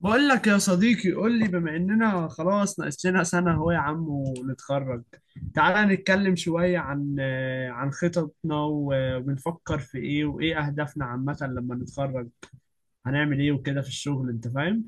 بقول لك يا صديقي، قول لي، بما اننا خلاص ناقص لنا سنة اهو يا عم ونتخرج. تعالى نتكلم شوية عن عن خططنا وبنفكر في ايه وايه اهدافنا عامة لما نتخرج. هنعمل ايه وكده في الشغل، انت فاهم.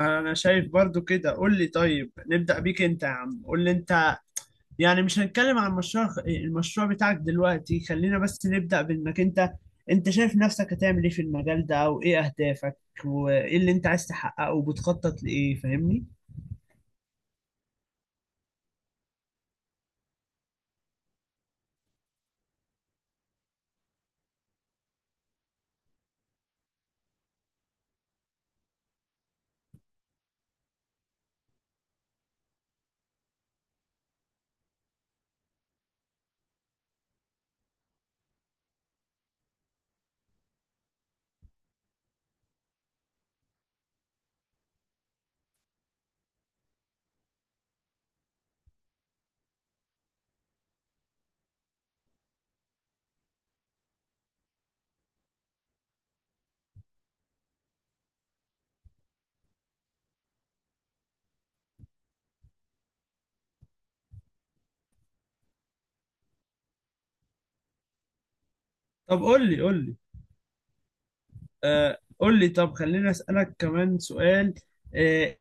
انا شايف برضو كده. قول لي، طيب نبدأ بيك انت يا عم. قول لي انت، يعني مش هنتكلم عن المشروع بتاعك دلوقتي، خلينا بس نبدأ بانك انت. انت شايف نفسك هتعمل ايه في المجال ده، او ايه اهدافك، وايه اللي انت عايز تحققه وبتخطط لايه؟ فاهمني. طب قول لي، قول لي، قول لي، طب خلينا اسألك كمان سؤال. آه،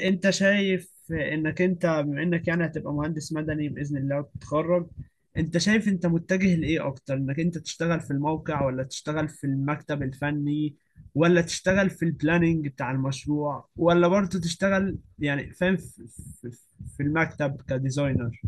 انت شايف انك انت بما انك يعني هتبقى مهندس مدني باذن الله وتتخرج، انت شايف انت متجه لايه اكتر؟ انك انت تشتغل في الموقع، ولا تشتغل في المكتب الفني، ولا تشتغل في البلاننج بتاع المشروع، ولا برضه تشتغل يعني فاهم في في- في المكتب كديزاينر؟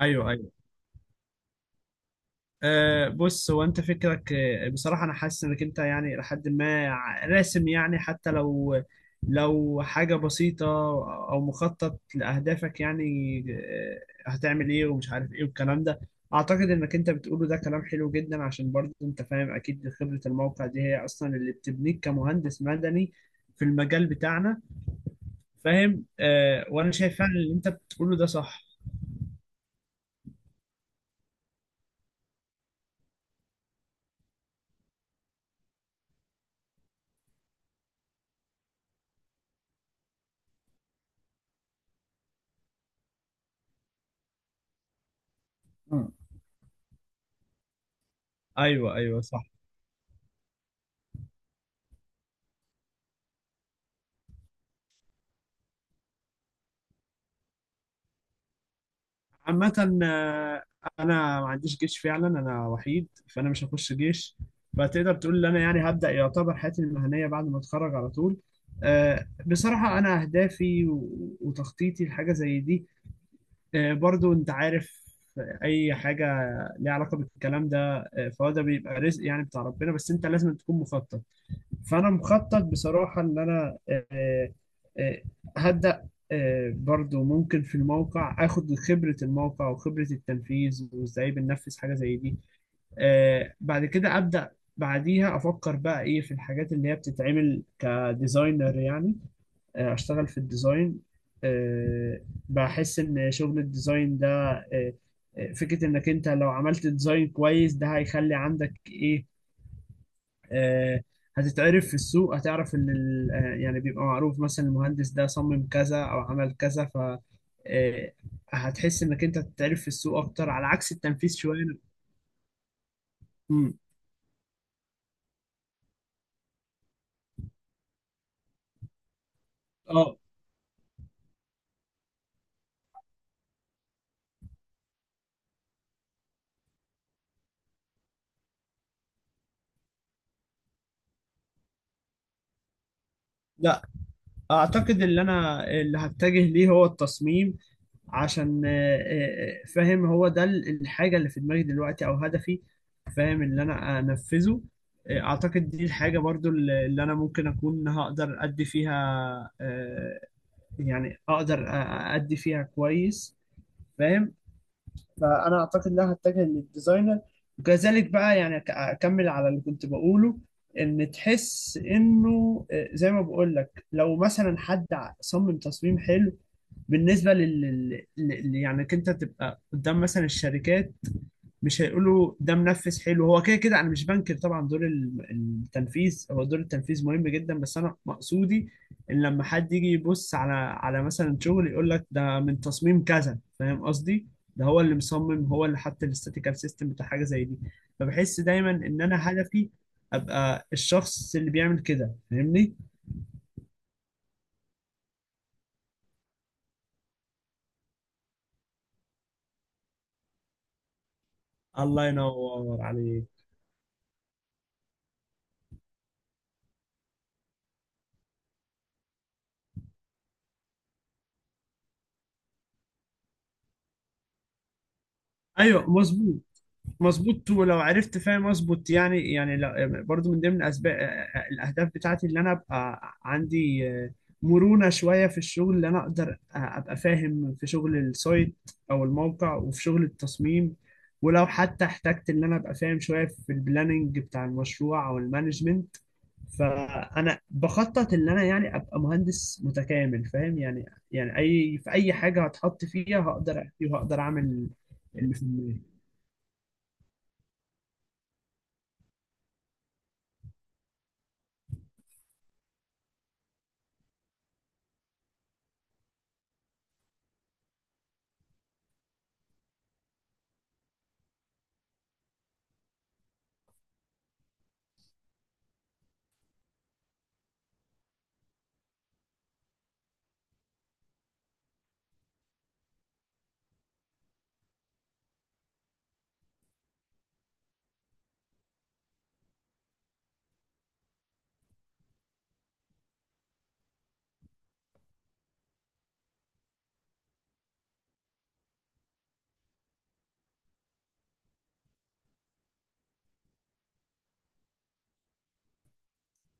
ايوه. أه، بص، هو انت فكرك بصراحة انا حاسس انك انت يعني لحد ما راسم، يعني حتى لو حاجة بسيطة، او مخطط لأهدافك، يعني هتعمل ايه ومش عارف ايه والكلام ده. اعتقد انك انت بتقوله ده كلام حلو جدا، عشان برضه انت فاهم اكيد خبرة الموقع دي هي اصلا اللي بتبنيك كمهندس مدني في المجال بتاعنا. فاهم؟ أه، وانا شايف فعلا اللي انت بتقوله ده صح. مم. ايوه، ايوه، صح. عامة، آه، انا ما عنديش جيش فعلا، انا وحيد فانا مش هخش جيش. فتقدر تقول ان انا يعني هبدأ يعتبر حياتي المهنية بعد ما اتخرج على طول. بصراحة انا اهدافي وتخطيطي لحاجة زي دي، برضو انت عارف اي حاجة ليها علاقة بالكلام ده، فهو ده بيبقى رزق يعني بتاع ربنا، بس انت لازم تكون مخطط. فانا مخطط بصراحه ان انا آه، هبدا برضو ممكن في الموقع اخد خبره الموقع وخبره التنفيذ وازاي بننفذ حاجه زي دي. بعد كده ابدا، بعديها افكر بقى ايه في الحاجات اللي هي بتتعمل كديزاينر يعني. اشتغل في الديزاين. آه، بحس ان شغل الديزاين ده آه، فكره انك انت لو عملت ديزاين كويس ده هيخلي عندك ايه. آه، هتتعرف في السوق، هتعرف ان يعني بيبقى معروف مثلا المهندس ده صمم كذا او عمل كذا، ف آه، هتحس انك انت هتتعرف في السوق اكتر، على عكس التنفيذ شويه. مم. اه. لا، اعتقد اللي هتجه ليه هو التصميم، عشان فاهم، هو ده الحاجه اللي في دماغي دلوقتي، او هدفي، فاهم اللي انا انفذه. اعتقد دي الحاجه برضو اللي انا ممكن اكون هقدر ادي فيها، آه، يعني اقدر ادي فيها كويس، فاهم. فانا اعتقد ان انا هتجه للديزاينر. وكذلك بقى يعني اكمل على اللي كنت بقوله، ان تحس انه زي ما بقول لك، لو مثلا حد صمم تصميم حلو، بالنسبه يعني إنك انت تبقى قدام مثلا الشركات، مش هيقولوا ده منفذ حلو هو كده كده. انا مش بنكر طبعا دور التنفيذ، هو دور التنفيذ مهم جدا، بس انا مقصودي ان لما حد يجي يبص على مثلا شغل، يقول لك ده من تصميم كذا، فاهم قصدي؟ ده هو اللي مصمم، هو اللي حط الاستاتيكال سيستم بتاع حاجه زي دي. فبحس دايما ان انا هدفي ابقى الشخص اللي بيعمل كده، فاهمني؟ الله ينور عليك. ايوه، مظبوط. مظبوط. ولو عرفت فاهم اظبط يعني برضو من ضمن اسباب الاهداف بتاعتي، اللي انا ابقى عندي مرونة شوية في الشغل، اللي انا اقدر ابقى فاهم في شغل السايت او الموقع، وفي شغل التصميم. ولو حتى احتجت ان انا ابقى فاهم شوية في البلاننج بتاع المشروع او المانجمنت، فانا بخطط ان انا يعني ابقى مهندس متكامل، فاهم يعني. يعني في اي حاجة هتحط فيها هقدر احكي وهقدر اعمل. اللي في دماغي.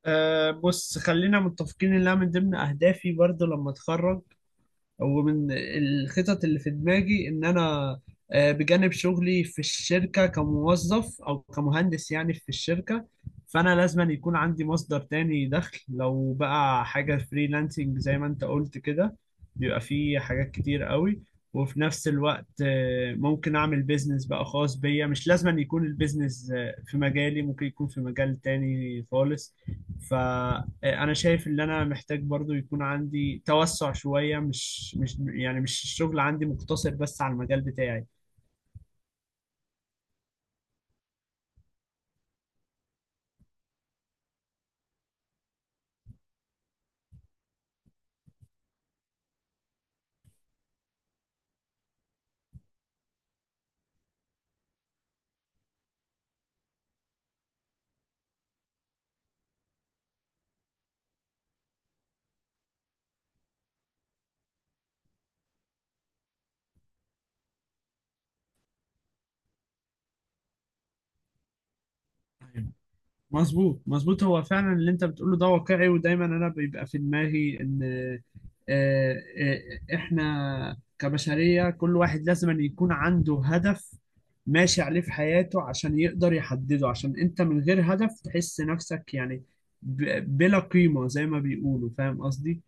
أه، بص، خلينا متفقين انها من ضمن اهدافي برضو لما اتخرج، ومن الخطط اللي في دماغي ان انا بجانب شغلي في الشركة كموظف او كمهندس يعني في الشركة، فانا لازم أن يكون عندي مصدر تاني دخل، لو بقى حاجة فريلانسنج زي ما انت قلت كده بيبقى فيه حاجات كتير قوي. وفي نفس الوقت ممكن اعمل بيزنس بقى خاص بيا، مش لازم أن يكون البيزنس في مجالي، ممكن يكون في مجال تاني خالص. انا شايف ان انا محتاج برضو يكون عندي توسع شوية، مش الشغل عندي مقتصر بس على المجال بتاعي. أيوة. مظبوط، مظبوط. هو فعلا اللي انت بتقوله ده واقعي، ودايما انا بيبقى في دماغي ان آه، احنا كبشرية كل واحد لازم أن يكون عنده هدف ماشي عليه في حياته، عشان يقدر يحدده، عشان انت من غير هدف تحس نفسك يعني بلا قيمة زي ما بيقولوا، فاهم قصدي؟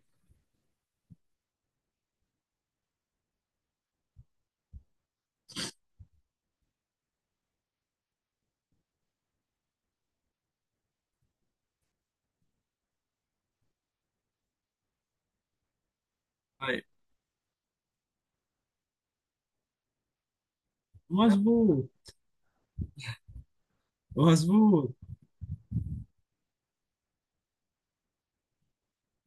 أيوة. مظبوط، مظبوط،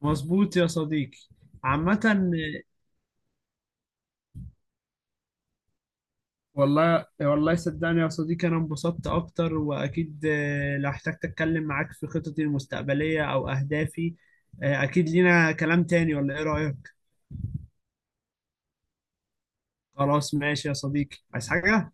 مظبوط يا صديقي. عامة، والله والله صدقني يا صديقي، أنا انبسطت أكتر، وأكيد لو احتجت أتكلم معاك في خططي المستقبلية أو أهدافي أكيد لينا كلام تاني، ولا إيه رأيك؟ خلاص، ماشي يا صديقي، عايز حاجة؟